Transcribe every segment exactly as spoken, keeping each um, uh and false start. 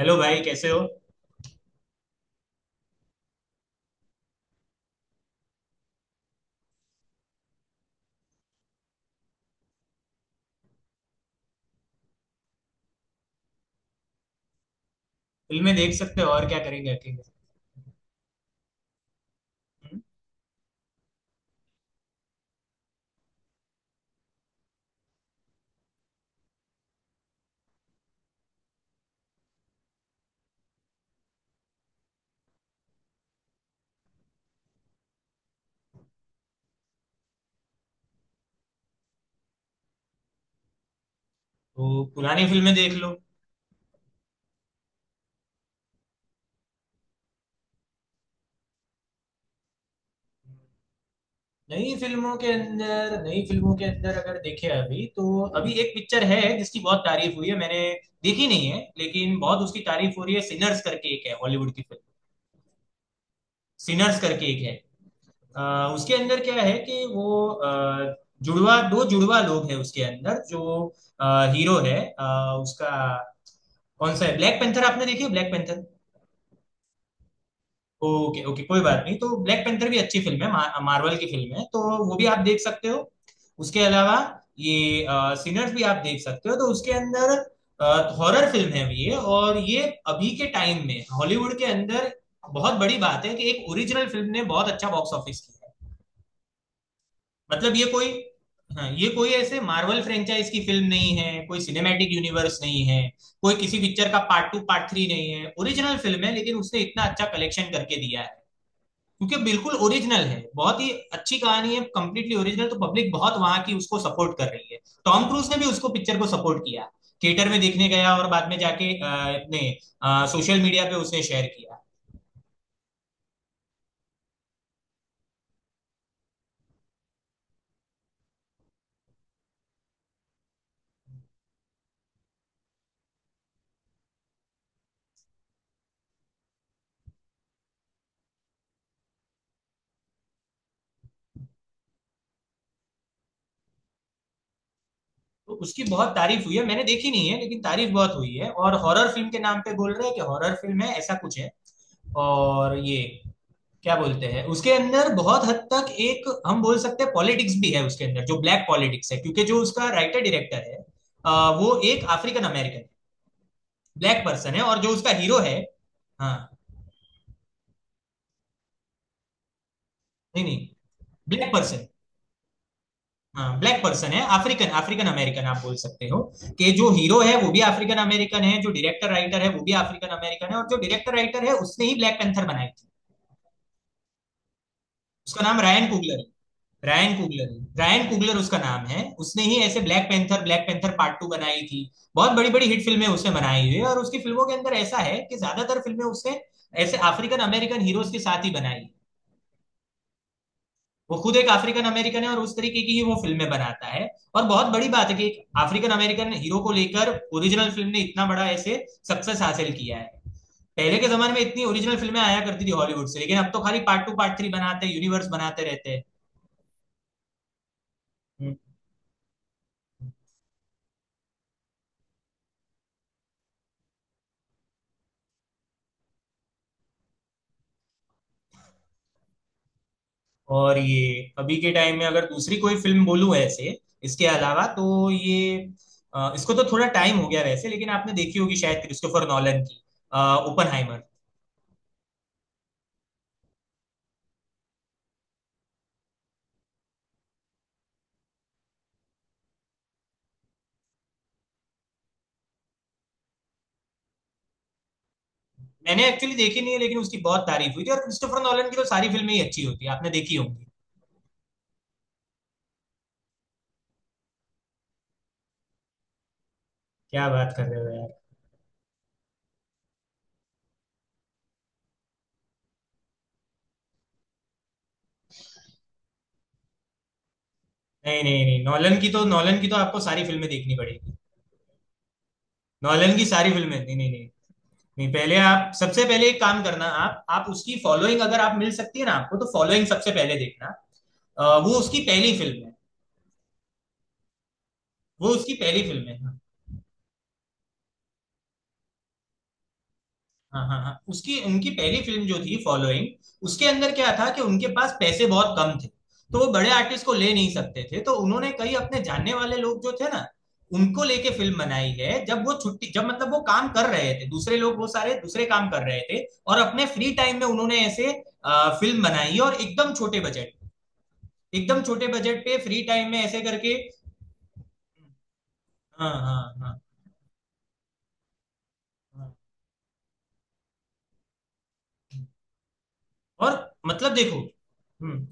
Hello भाई, कैसे हो? फिल्में देख सकते हो, और क्या करेंगे अकेले। हम्म? तो पुरानी फिल्में देख लो। नई फिल्मों के अंदर नई फिल्मों के अंदर अगर देखे अभी तो अभी एक पिक्चर है जिसकी बहुत तारीफ हुई है। मैंने देखी नहीं है, लेकिन बहुत उसकी तारीफ हो रही है। सिनर्स करके एक है, हॉलीवुड की फिल्म। सिनर्स करके एक है। अ, उसके अंदर क्या है कि वो अ, जुड़वा दो जुड़वा लोग हैं उसके अंदर, जो हीरो है अ, उसका कौन सा है, ब्लैक पैंथर? आपने देखी है ब्लैक पैंथर? ओके, ओके, कोई बात नहीं। तो ब्लैक पैंथर भी अच्छी फिल्म है, मा, मार्वल की फिल्म है, तो वो भी आप देख सकते हो। उसके अलावा ये आ, सिनर्स भी आप देख सकते हो। तो उसके अंदर हॉरर फिल्म है ये, और ये अभी के टाइम में हॉलीवुड के अंदर बहुत बड़ी बात है कि एक ओरिजिनल फिल्म ने बहुत अच्छा बॉक्स ऑफिस किया है। मतलब ये कोई हाँ, ये कोई ऐसे मार्वल फ्रेंचाइज की फिल्म नहीं है, कोई सिनेमैटिक यूनिवर्स नहीं है, कोई किसी पिक्चर का पार्ट टू पार्ट थ्री नहीं है। ओरिजिनल फिल्म है, लेकिन उसने इतना अच्छा कलेक्शन करके दिया है क्योंकि बिल्कुल ओरिजिनल है, बहुत ही अच्छी कहानी है, कंप्लीटली ओरिजिनल, तो पब्लिक बहुत वहां की उसको सपोर्ट कर रही है। टॉम क्रूज ने भी उसको पिक्चर को सपोर्ट किया, थिएटर में देखने गया और बाद में जाके अ, अपने सोशल मीडिया पे उसने शेयर किया। तो उसकी बहुत तारीफ हुई है। मैंने देखी नहीं है लेकिन तारीफ बहुत हुई है, और हॉरर फिल्म के नाम पे बोल रहे हैं कि हॉरर फिल्म है, ऐसा कुछ है। और ये क्या बोलते हैं, उसके अंदर बहुत हद तक एक हम बोल सकते हैं पॉलिटिक्स भी है उसके अंदर, जो ब्लैक पॉलिटिक्स है, क्योंकि जो उसका राइटर डायरेक्टर है अ, वो एक अफ्रीकन अमेरिकन ब्लैक पर्सन है, और जो उसका हीरो है। हाँ। नहीं, नहीं, ब्लैक पर्सन, हाँ, ब्लैक पर्सन है, अफ्रीकन अफ्रीकन अमेरिकन आप बोल सकते हो, कि जो हीरो है वो भी अफ्रीकन अमेरिकन है, जो डायरेक्टर राइटर है वो भी अफ्रीकन अमेरिकन है, और जो डायरेक्टर राइटर है उसने ही ब्लैक पैंथर बनाई थी। उसका नाम रायन कुगलर है। रायन कुगलर है, रायन कुगलर उसका नाम है। उसने ही ऐसे Black Panther Black Panther part two बनाई थी। बहुत बड़ी बड़ी हिट फिल्में उसने बनाई हुई है, और उसकी फिल्मों के अंदर ऐसा है कि ज्यादातर फिल्में उसने ऐसे अफ्रीकन अमेरिकन हीरोज के साथ ही बनाई। वो खुद एक अफ्रीकन अमेरिकन है, और उस तरीके की ही वो फिल्में बनाता है। और बहुत बड़ी बात है कि एक अफ्रीकन अमेरिकन हीरो को लेकर ओरिजिनल फिल्म ने इतना बड़ा ऐसे सक्सेस हासिल किया है। पहले के जमाने में इतनी ओरिजिनल फिल्में आया करती थी हॉलीवुड से, लेकिन अब तो खाली पार्ट टू पार्ट थ्री बनाते हैं, यूनिवर्स बनाते रहते हैं। हम्म। हम्म। और ये अभी के टाइम में अगर दूसरी कोई फिल्म बोलूं ऐसे इसके अलावा, तो ये अ, इसको तो थोड़ा टाइम हो गया वैसे, लेकिन आपने देखी होगी शायद, क्रिस्टोफर नॉलन की ओपनहाइमर। मैंने एक्चुअली देखी नहीं है, लेकिन उसकी बहुत तारीफ हुई थी, और क्रिस्टोफर नॉलन की तो सारी फिल्में ही अच्छी होती है, आपने देखी होंगी। क्या बात कर रहे हो यार! नहीं नहीं नहीं, नॉलन की तो नॉलन की तो आपको सारी फिल्में देखनी पड़ेगी। नॉलन की सारी फिल्में, नहीं नहीं नहीं। नहीं, पहले आप, सबसे पहले एक काम करना, आप आप उसकी फॉलोइंग अगर आप मिल सकती है ना आपको, तो फॉलोइंग सबसे पहले देखना। अ, वो उसकी पहली फिल्म है। वो उसकी पहली फिल्म है। हाँ हाँ हाँ, उसकी उनकी पहली फिल्म जो थी फॉलोइंग, उसके अंदर क्या था कि उनके पास पैसे बहुत कम थे, तो वो बड़े आर्टिस्ट को ले नहीं सकते थे, तो उन्होंने कई अपने जानने वाले लोग जो थे ना, उनको लेके फिल्म बनाई है। जब वो छुट्टी जब मतलब वो काम कर रहे थे, दूसरे लोग वो सारे दूसरे काम कर रहे थे, और अपने फ्री टाइम में उन्होंने ऐसे अ, फिल्म बनाई। और एकदम छोटे बजट एकदम छोटे बजट पे फ्री टाइम में ऐसे करके। हाँ हाँ हाँ हाँ। और मतलब देखो। हम्म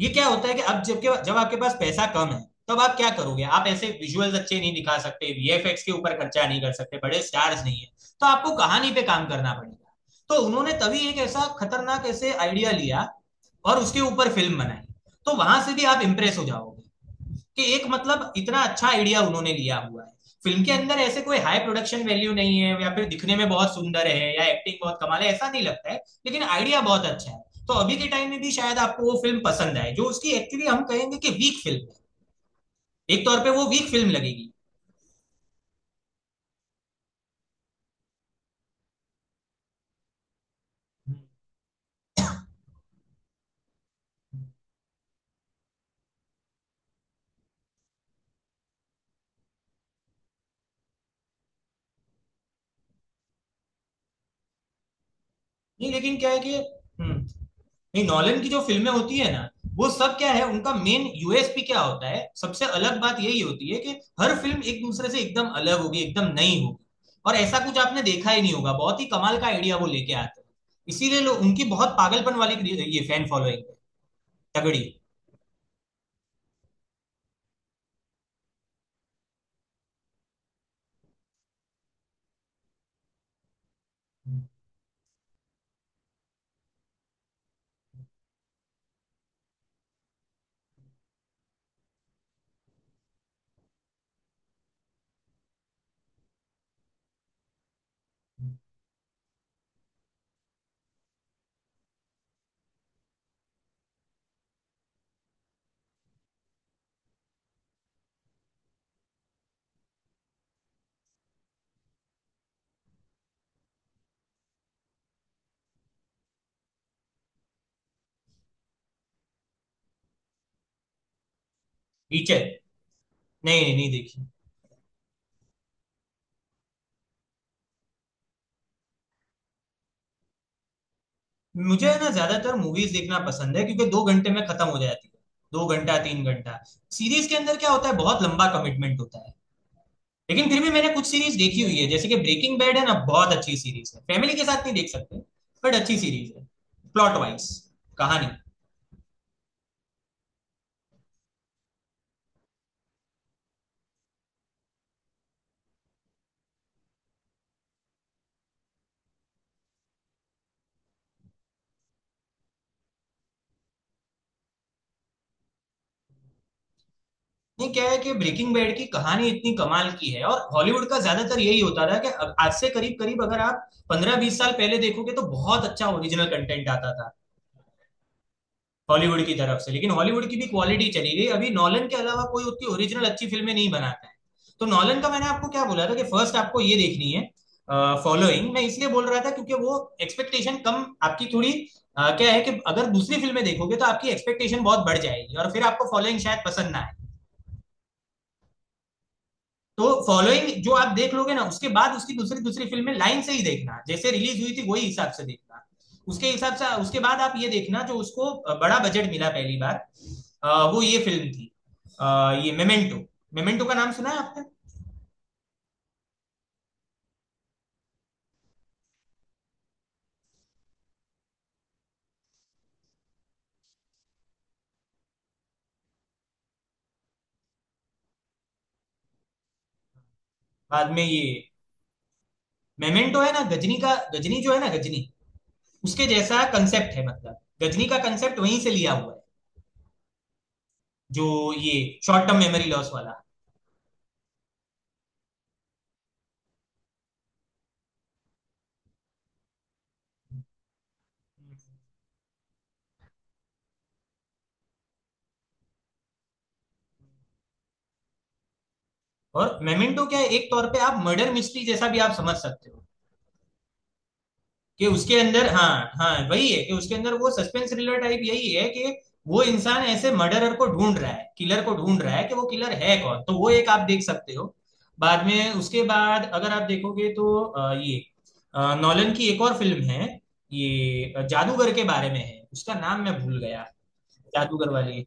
ये क्या होता है कि अब जब जब आपके पास पैसा कम है, तब आप क्या करोगे? आप ऐसे विजुअल्स अच्छे नहीं दिखा सकते, वीएफएक्स के ऊपर खर्चा नहीं कर सकते, बड़े स्टार्स नहीं है, तो आपको कहानी पे काम करना पड़ेगा। तो उन्होंने तभी एक ऐसा खतरनाक ऐसे आइडिया लिया, और उसके ऊपर फिल्म बनाई। तो वहां से भी आप इम्प्रेस हो जाओगे कि एक मतलब इतना अच्छा आइडिया उन्होंने लिया हुआ है। फिल्म के अंदर ऐसे कोई हाई प्रोडक्शन वैल्यू नहीं है, या फिर दिखने में बहुत सुंदर है या एक्टिंग बहुत कमाल है ऐसा नहीं लगता है, लेकिन आइडिया बहुत अच्छा है। तो अभी के टाइम में भी शायद आपको वो फिल्म पसंद आए जो उसकी एक्चुअली हम कहेंगे कि वीक फिल्म है, एक तौर पे वो वीक फिल्म लगेगी। नहीं लेकिन क्या है कि हम्म नहीं, नॉलन की जो फिल्में होती है ना, वो सब क्या है, उनका मेन यूएसपी क्या होता है, सबसे अलग बात यही होती है कि हर फिल्म एक दूसरे से एकदम अलग होगी, एकदम नई होगी, और ऐसा कुछ आपने देखा ही नहीं होगा। बहुत ही कमाल का आइडिया वो लेके आते हैं, इसीलिए लोग उनकी बहुत पागलपन वाली ये फैन फॉलोइंग है तगड़ी। टीचर? नहीं नहीं नहीं देखी। मुझे है ना ज्यादातर मूवीज देखना पसंद है, क्योंकि दो घंटे में खत्म हो जाती है, दो घंटा तीन घंटा। सीरीज के अंदर क्या होता है, बहुत लंबा कमिटमेंट होता है। लेकिन फिर भी मैंने कुछ सीरीज देखी हुई है, जैसे कि ब्रेकिंग बैड है ना, बहुत अच्छी सीरीज है, फैमिली के साथ नहीं देख सकते, बट अच्छी सीरीज है, प्लॉट वाइज, कहानी। नहीं, क्या है कि ब्रेकिंग बैड की कहानी इतनी कमाल की है, और हॉलीवुड का ज्यादातर यही होता था कि अब आज से करीब करीब अगर आप पंद्रह बीस साल पहले देखोगे, तो बहुत अच्छा ओरिजिनल कंटेंट आता था हॉलीवुड की तरफ से, लेकिन हॉलीवुड की भी क्वालिटी चली गई, अभी नॉलन के अलावा कोई उतनी ओरिजिनल अच्छी फिल्में नहीं बनाता है। तो नॉलन का मैंने आपको क्या बोला था कि फर्स्ट आपको ये देखनी है, फॉलोइंग। मैं इसलिए बोल रहा था क्योंकि वो एक्सपेक्टेशन कम आपकी थोड़ी, अ, क्या है कि अगर दूसरी फिल्में देखोगे तो आपकी एक्सपेक्टेशन बहुत बढ़ जाएगी, और फिर आपको फॉलोइंग शायद पसंद ना आए। तो फॉलोइंग जो आप देख लोगे ना, उसके बाद उसकी दूसरी दूसरी फिल्म में लाइन से ही देखना, जैसे रिलीज हुई थी वही हिसाब से देखना। उसके हिसाब से उसके बाद आप ये देखना जो उसको बड़ा बजट मिला पहली बार, आ, वो ये फिल्म थी, आ, ये मेमेंटो। मेमेंटो का नाम सुना है आपने? बाद में ये मेमेंटो है ना, गजनी का, गजनी जो है ना गजनी, उसके जैसा कंसेप्ट है, मतलब गजनी का कंसेप्ट वहीं से लिया हुआ है जो ये, शॉर्ट टर्म मेमोरी लॉस वाला। और मेमेंटो क्या है, एक तौर पे आप मर्डर मिस्ट्री जैसा भी आप समझ सकते हो कि उसके अंदर, हाँ, हाँ वही है कि उसके अंदर वो सस्पेंस थ्रिलर टाइप, यही है कि वो इंसान ऐसे मर्डरर को ढूंढ रहा है, किलर को ढूंढ रहा है कि वो किलर है कौन, तो वो एक आप देख सकते हो। बाद में उसके बाद अगर आप देखोगे तो अ, ये अ, नॉलन की एक और फिल्म है, ये अ, जादूगर के बारे में है, उसका नाम मैं भूल गया। जादूगर वाली।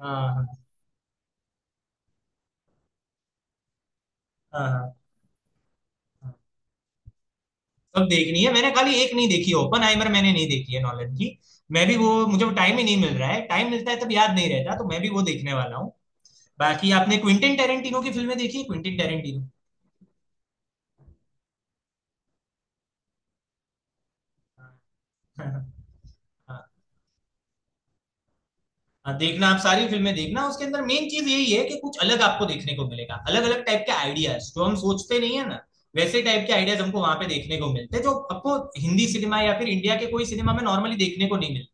हाँ हाँ हाँ हाँ, हाँ। सब देखनी है, मैंने खाली एक नहीं देखी ओपन हाइमर, मैंने नहीं देखी है नॉलन की। मैं भी वो, मुझे टाइम ही नहीं मिल रहा है, टाइम मिलता है तब याद नहीं रहता, तो मैं भी वो देखने वाला हूँ। बाकी आपने क्विंटिन टेरेंटिनो की फिल्में देखी है, क्विंटिन टेरेंटिनो? हाँ, हाँ, देखना, आप सारी फिल्में देखना, उसके अंदर मेन चीज यही है कि कुछ अलग आपको देखने को मिलेगा, अलग अलग टाइप के आइडियाज जो हम सोचते नहीं है ना, वैसे टाइप के आइडियाज हमको वहां पे देखने को मिलते हैं, जो आपको हिंदी सिनेमा या फिर इंडिया के कोई सिनेमा में नॉर्मली देखने को नहीं मिलते।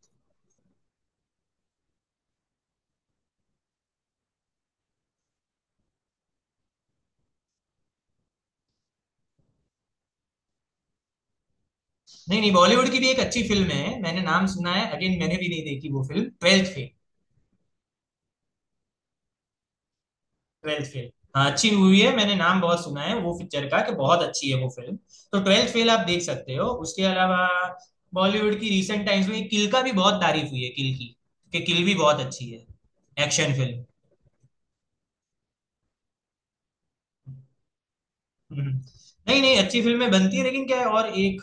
नहीं नहीं, बॉलीवुड की भी एक अच्छी फिल्म है, मैंने नाम सुना है अगेन, मैंने भी नहीं देखी वो film, twelfth fail. Twelfth fail, हाँ अच्छी हुई है, मैंने नाम बहुत सुना है वो पिक्चर का कि बहुत अच्छी है वो फिल्म। तो ट्वेल्थ फेल आप देख सकते हो, उसके अलावा बॉलीवुड की रिसेंट टाइम्स में किल का भी बहुत तारीफ हुई है, किल की, कि किल भी बहुत अच्छी है, एक्शन फिल्म। हम्म। नहीं नहीं, अच्छी फिल्में बनती है लेकिन क्या है, और एक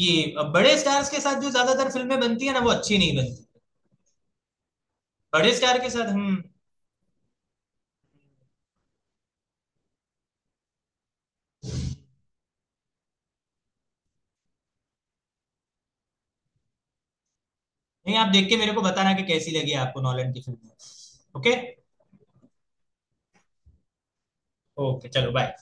ये, अब बड़े स्टार्स के साथ जो ज्यादातर फिल्में बनती है ना वो अच्छी नहीं बनती, बड़े स्टार के साथ। हम्म। नहीं, आप देख के मेरे को बताना कि कैसी लगी आपको नॉलन की फिल्म। ओके। ओके, चलो, बाय।